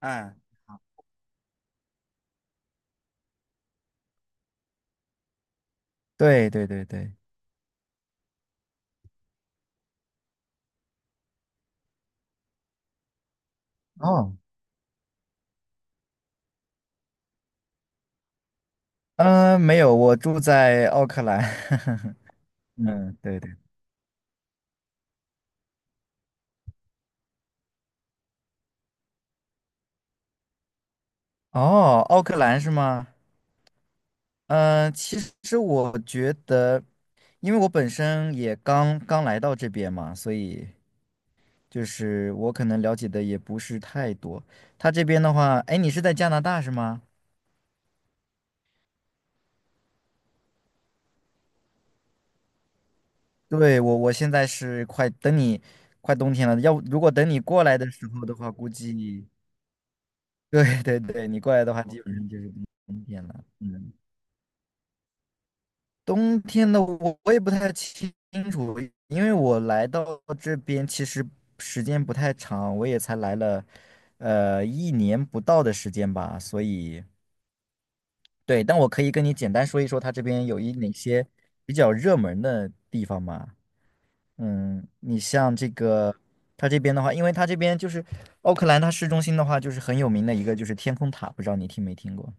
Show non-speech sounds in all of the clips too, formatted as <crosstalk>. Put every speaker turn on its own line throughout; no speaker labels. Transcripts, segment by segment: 嗯，对对对对，哦，嗯、没有，我住在奥克兰。<laughs> 嗯嗯，对对。哦，奥克兰是吗？嗯、其实我觉得，因为我本身也刚刚来到这边嘛，所以就是我可能了解的也不是太多。他这边的话，哎，你是在加拿大是吗？对，我现在是快快冬天了，要如果等你过来的时候的话，估计。<laughs> 对对对，你过来的话，基本上就是冬天了。嗯，冬天的我也不太清楚，因为我来到这边其实时间不太长，我也才来了，1年不到的时间吧。所以，对，但我可以跟你简单说一说，它这边哪些比较热门的地方嘛？嗯，你像这个，它这边的话，因为它这边就是奥克兰，它市中心的话，就是很有名的一个就是天空塔，不知道你听没听过？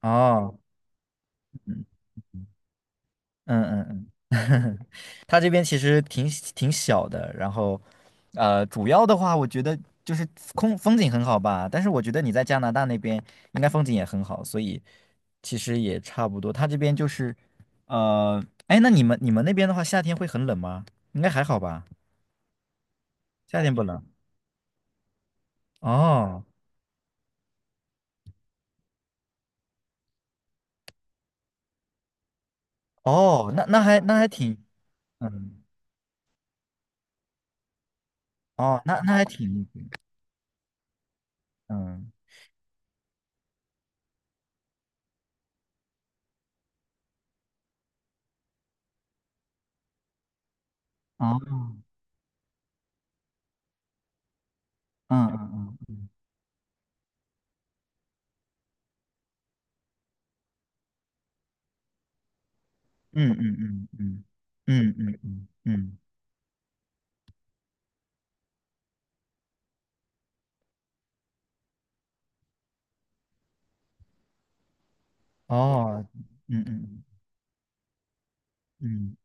哦，嗯嗯嗯，<laughs> 它这边其实挺小的，然后，主要的话，我觉得就是风景很好吧，但是我觉得你在加拿大那边应该风景也很好，所以其实也差不多。它这边就是，呃，哎，那你们那边的话，夏天会很冷吗？应该还好吧，夏天不冷。哦哦，那还挺，嗯，哦，那还挺，嗯，哦，嗯嗯嗯嗯嗯嗯嗯嗯嗯嗯。嗯嗯哦，嗯嗯嗯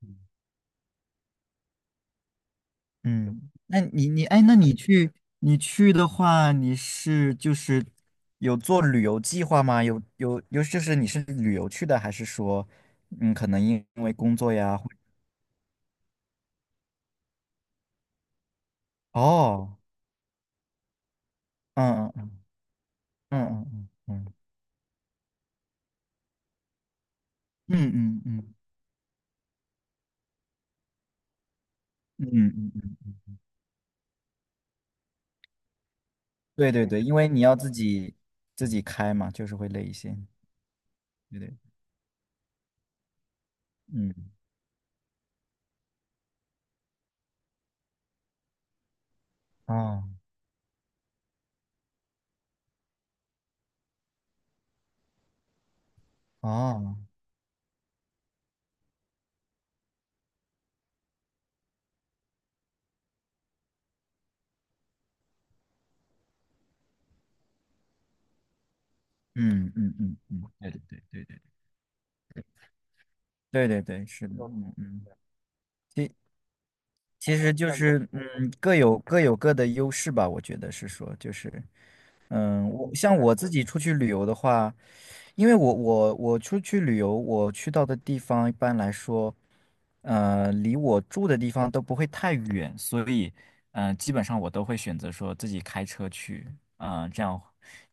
嗯，那你哎，那你去的话，就是有做旅游计划吗？有有有，就是你是旅游去的，还是说嗯，可能因为工作呀？或哦，嗯嗯嗯嗯嗯嗯嗯嗯嗯嗯嗯，嗯对对对，因为你要自己开嘛，就是会累一些，对对，嗯，哦哦，嗯嗯嗯嗯，对对对对对对对对，是的，嗯嗯。其其实就但是嗯，各有各的优势吧。我觉得是说，就是嗯，像我自己出去旅游的话，因为我出去旅游，我去到的地方一般来说，离我住的地方都不会太远，所以基本上我都会选择说自己开车去，嗯、这样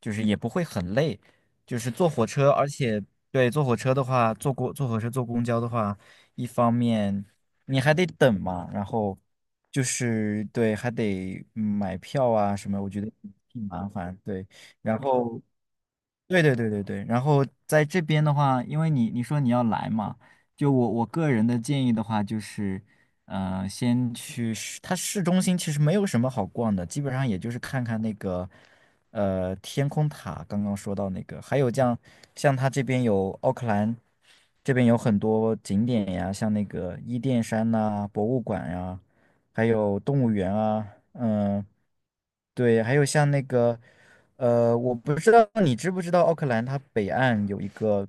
就是也不会很累，就是坐火车，而且对坐火车的话，坐火车坐公交的话，一方面。你还得等嘛，然后就是对，还得买票啊什么，我觉得挺麻烦。对，然后对对对对对，然后在这边的话，因为你说你要来嘛，就我个人的建议的话，就是，先去市，它市中心其实没有什么好逛的，基本上也就是看看那个，天空塔，刚刚说到那个，还有像它这边有奥克兰，这边有很多景点呀，像那个伊甸山呐、博物馆呀、还有动物园啊，嗯、对，还有像那个，我不知道你知不知道奥克兰它北岸有一个，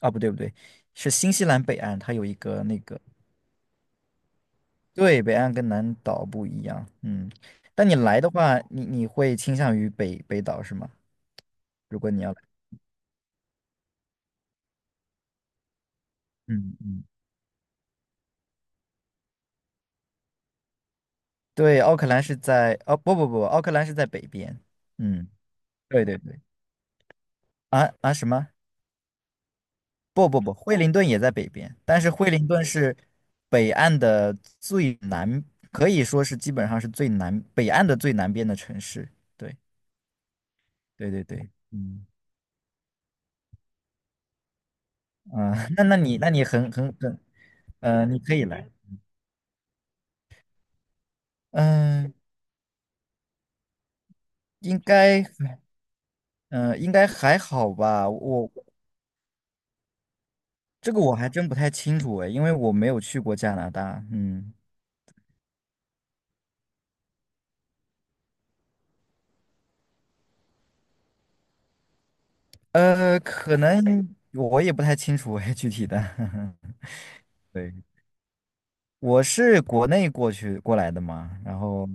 啊，不对不对，是新西兰北岸，它有一个那个，对，北岸跟南岛不一样，嗯。但你来的话，你会倾向于北岛是吗？如果你要来嗯嗯，对，奥克兰是在，哦不不不，奥克兰是在北边，嗯，对对对，啊啊什么？不不不，惠灵顿也在北边，但是惠灵顿是北岸的最南，可以说是基本上是最南，北岸的最南边的城市。对对对对，嗯啊、<laughs> 那你很，你可以来，嗯、应该应该还好吧，我这个我还真不太清楚哎，因为我没有去过加拿大，可能我也不太清楚哎，具体的，<laughs> 对。我是国内过来的嘛，然后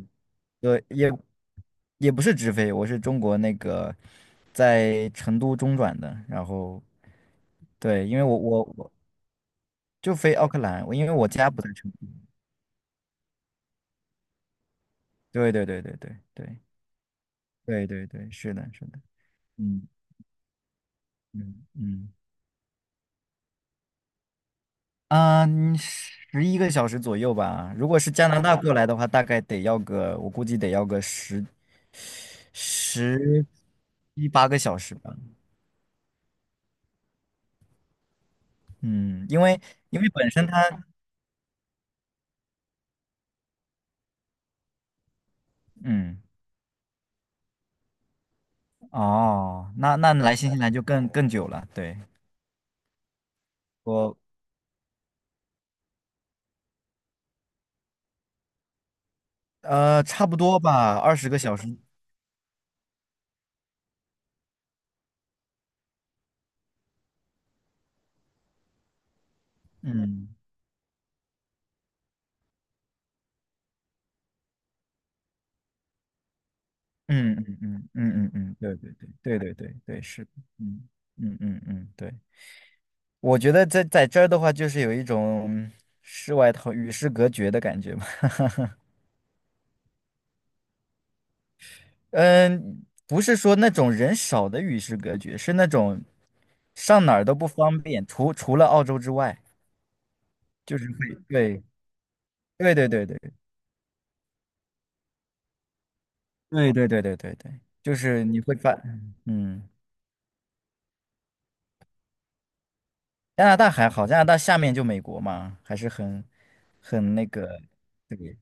对也不是直飞，我是中国那个在成都中转的，然后对，因为我就飞奥克兰，因为我家不在成都。对对对对对对对对对，是的是的，嗯嗯嗯，啊，嗯11个小时左右吧。如果是加拿大过来的话，大概得要个，我估计得要个十十一8个小时吧。嗯，因为本身它，嗯，哦，那来新西兰就更久了，对，我差不多吧，20个小时，嗯嗯嗯嗯嗯嗯嗯，对对对对对对对是嗯嗯嗯嗯，对，我觉得在这儿的话，就是有一种世外桃与世隔绝的感觉吧，<laughs> 嗯，不是说那种人少的与世隔绝，是那种上哪儿都不方便，除了澳洲之外，就是会对。对对对对对对对对对对，就是你会发，嗯，加拿大还好，加拿大下面就美国嘛，还是很那个，对，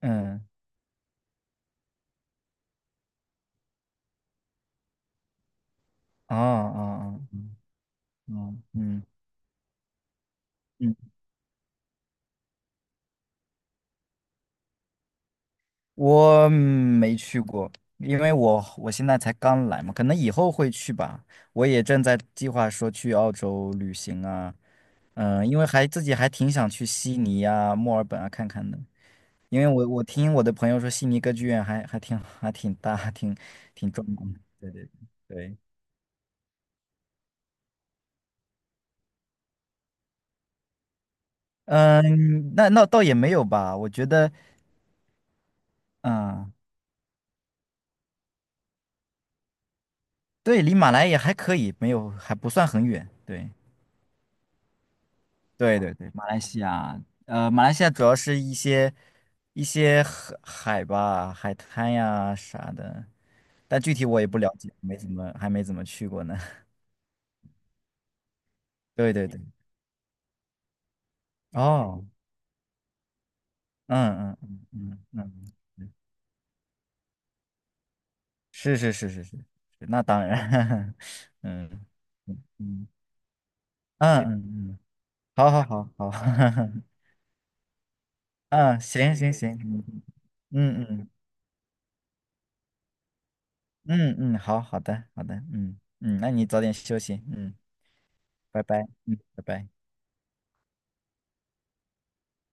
嗯，哦哦哦，哦嗯嗯，我没去过，因为我现在才刚来嘛，可能以后会去吧，我也正在计划说去澳洲旅行啊，嗯，因为还自己还挺想去悉尼啊、墨尔本啊看看的，因为我听我的朋友说，悉尼歌剧院还挺大，挺壮观的。对对对，嗯，那倒也没有吧，我觉得，嗯，对，离马来也还可以，没有还不算很远。对对对对，马来西亚，马来西亚主要是一些海吧，海滩呀啥的，但具体我也不了解，没怎么还没怎么去过呢。<laughs> 对对对，哦，嗯嗯嗯嗯嗯，是是是是是是那当然，<laughs> 嗯嗯嗯嗯嗯，好好好好，<laughs> 嗯，行行行，嗯嗯嗯嗯嗯，好好的好的，嗯嗯，那你早点休息，嗯，拜拜，嗯，拜拜。